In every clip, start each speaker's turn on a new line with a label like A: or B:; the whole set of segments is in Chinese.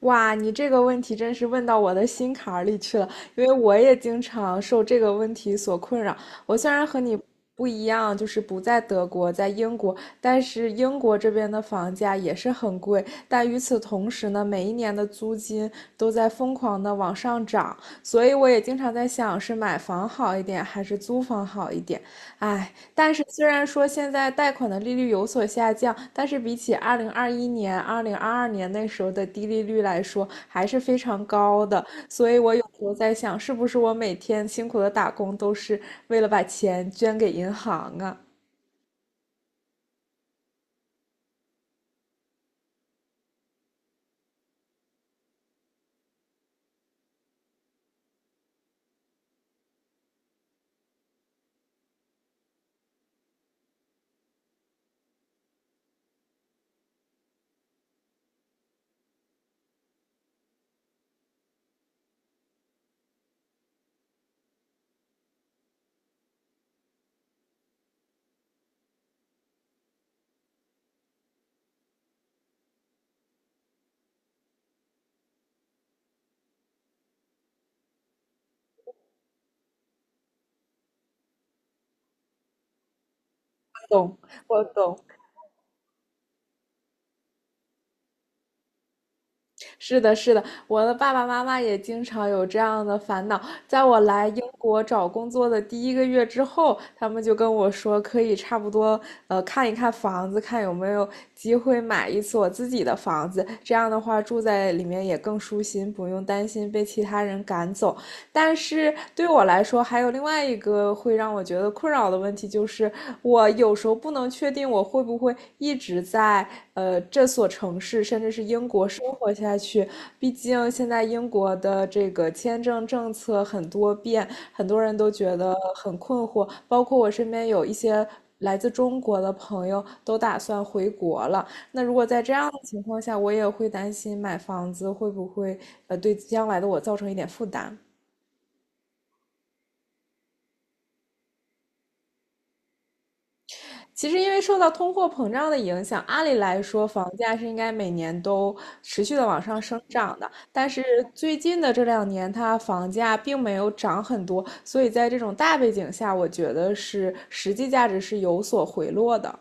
A: 哇，你这个问题真是问到我的心坎儿里去了，因为我也经常受这个问题所困扰。我虽然和你不一样，就是不在德国，在英国，但是英国这边的房价也是很贵，但与此同时呢，每一年的租金都在疯狂的往上涨，所以我也经常在想，是买房好一点，还是租房好一点？哎，但是虽然说现在贷款的利率有所下降，但是比起2021年、2022年那时候的低利率来说，还是非常高的。所以我有时候在想，是不是我每天辛苦的打工都是为了把钱捐给银行啊？懂，我懂。是的，是的，我的爸爸妈妈也经常有这样的烦恼。在我来英国找工作的第一个月之后，他们就跟我说，可以差不多，看一看房子，看有没有机会买一次我自己的房子。这样的话，住在里面也更舒心，不用担心被其他人赶走。但是对我来说，还有另外一个会让我觉得困扰的问题，就是我有时候不能确定我会不会一直在这所城市，甚至是英国生活下去。毕竟现在英国的这个签证政策很多变，很多人都觉得很困惑，包括我身边有一些。来自中国的朋友都打算回国了。那如果在这样的情况下，我也会担心买房子会不会对将来的我造成一点负担。其实，因为受到通货膨胀的影响，按理来说，房价是应该每年都持续的往上生长的。但是最近的这两年，它房价并没有涨很多，所以在这种大背景下，我觉得是实际价值是有所回落的。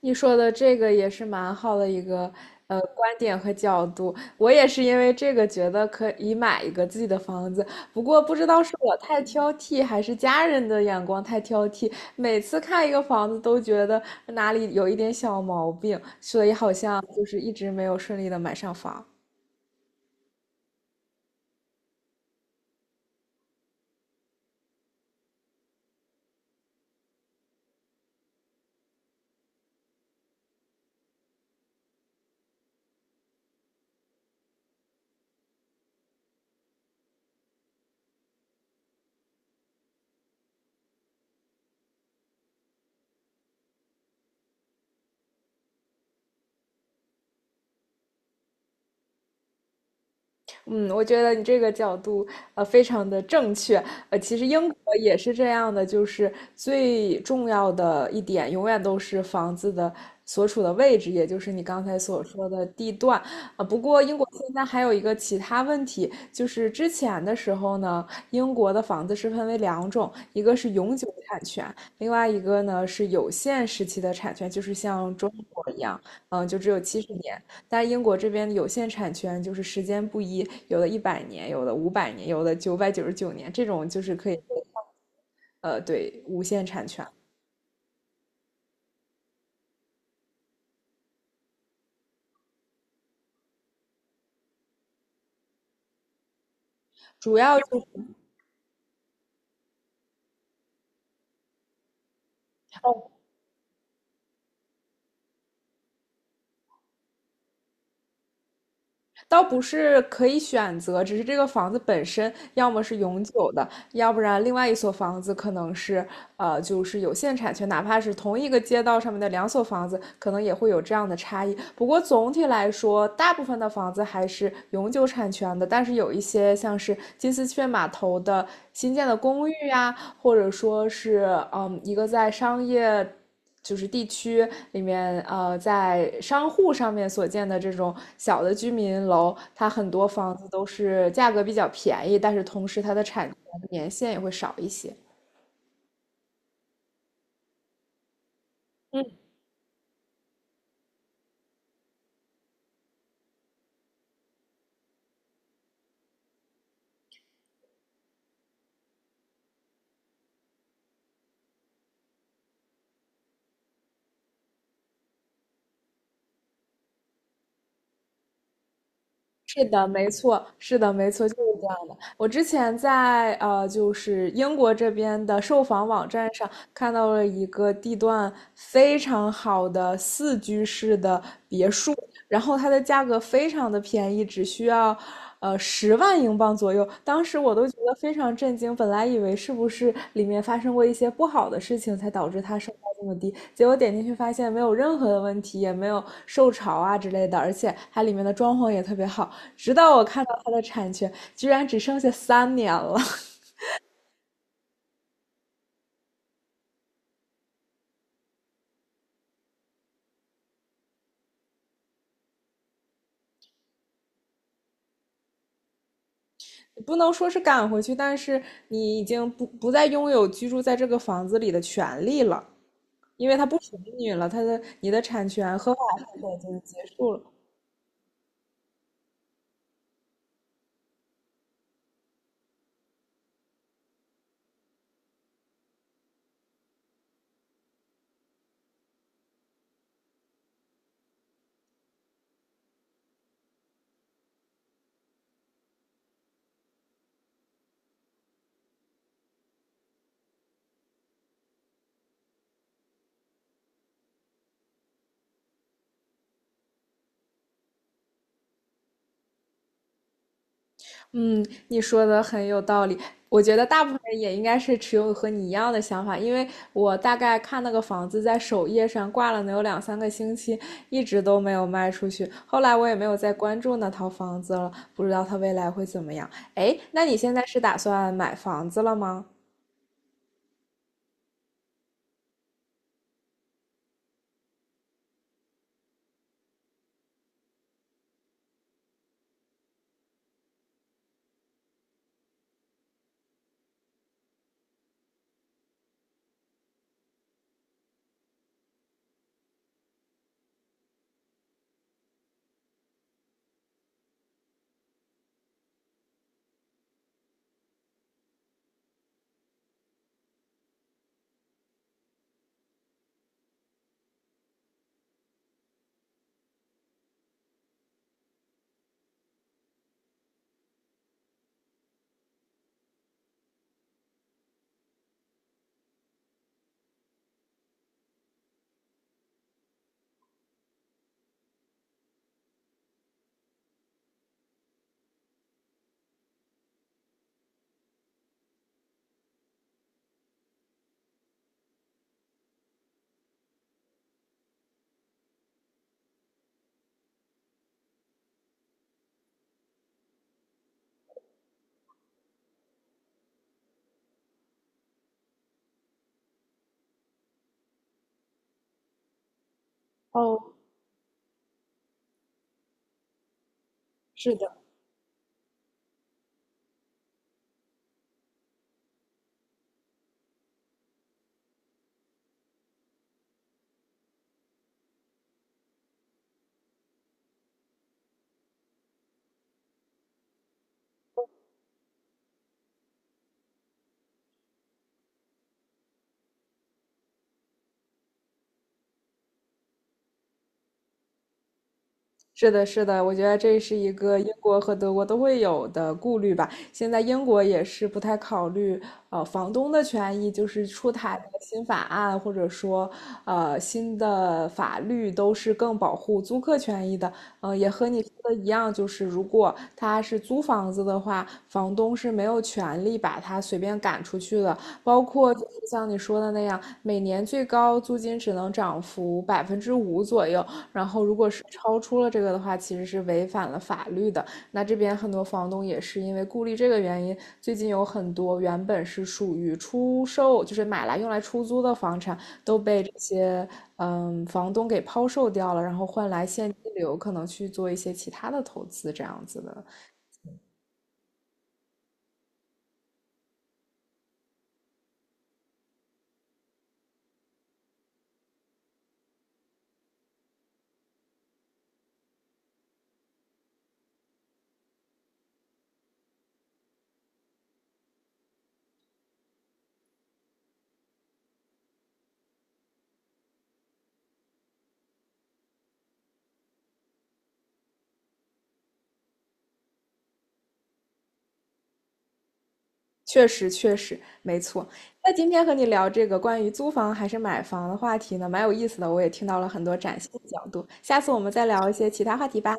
A: 你说的这个也是蛮好的一个观点和角度，我也是因为这个觉得可以买一个自己的房子，不过不知道是我太挑剔，还是家人的眼光太挑剔，每次看一个房子都觉得哪里有一点小毛病，所以好像就是一直没有顺利的买上房。嗯，我觉得你这个角度非常的正确。其实英国也是这样的，就是最重要的一点永远都是房子的所处的位置，也就是你刚才所说的地段。啊，不过英国现在还有一个其他问题，就是之前的时候呢，英国的房子是分为两种，一个是永久产权，另外一个呢是有限时期的产权，就是像中国一样，嗯，就只有70年。但英国这边有限产权就是时间不一，有的100年，有的500年，有的999年，这种就是可以，对，无限产权。主要就倒不是可以选择，只是这个房子本身要么是永久的，要不然另外一所房子可能是就是有限产权，哪怕是同一个街道上面的两所房子，可能也会有这样的差异。不过总体来说，大部分的房子还是永久产权的，但是有一些像是金丝雀码头的新建的公寓呀、或者说是一个在商业。就是地区里面，在商户上面所建的这种小的居民楼，它很多房子都是价格比较便宜，但是同时它的产权年限也会少一些。是的，没错，是的，没错，就是这样的。我之前在就是英国这边的售房网站上看到了一个地段非常好的4居室的别墅，然后它的价格非常的便宜，只需要10万英镑左右。当时我都觉得非常震惊，本来以为是不是里面发生过一些不好的事情才导致它售价这么低，结果点进去发现没有任何的问题，也没有受潮啊之类的，而且它里面的装潢也特别好。直到我看到它的产权居然只剩下3年了。不能说是赶回去，但是你已经不再拥有居住在这个房子里的权利了。因为它不属于你了，它的你的产权合法产权已经结束了。嗯，你说的很有道理，我觉得大部分人也应该是持有和你一样的想法，因为我大概看那个房子在首页上挂了能有2,3个星期，一直都没有卖出去，后来我也没有再关注那套房子了，不知道它未来会怎么样。哎，那你现在是打算买房子了吗？是的，是的，我觉得这是一个英国和德国都会有的顾虑吧。现在英国也是不太考虑房东的权益，就是出台的新法案或者说新的法律都是更保护租客权益的。也和你说的一样，就是如果他是租房子的话，房东是没有权利把他随便赶出去的。包括就是像你说的那样，每年最高租金只能涨幅5%左右。然后，如果是超出了这个的话，其实是违反了法律的。那这边很多房东也是因为顾虑这个原因，最近有很多原本是属于出售，就是买来用来出租的房产，都被这些房东给抛售掉了，然后换来现金流，可能去做一些其他的投资，这样子的。确实，确实，没错。那今天和你聊这个关于租房还是买房的话题呢，蛮有意思的，我也听到了很多崭新的角度。下次我们再聊一些其他话题吧。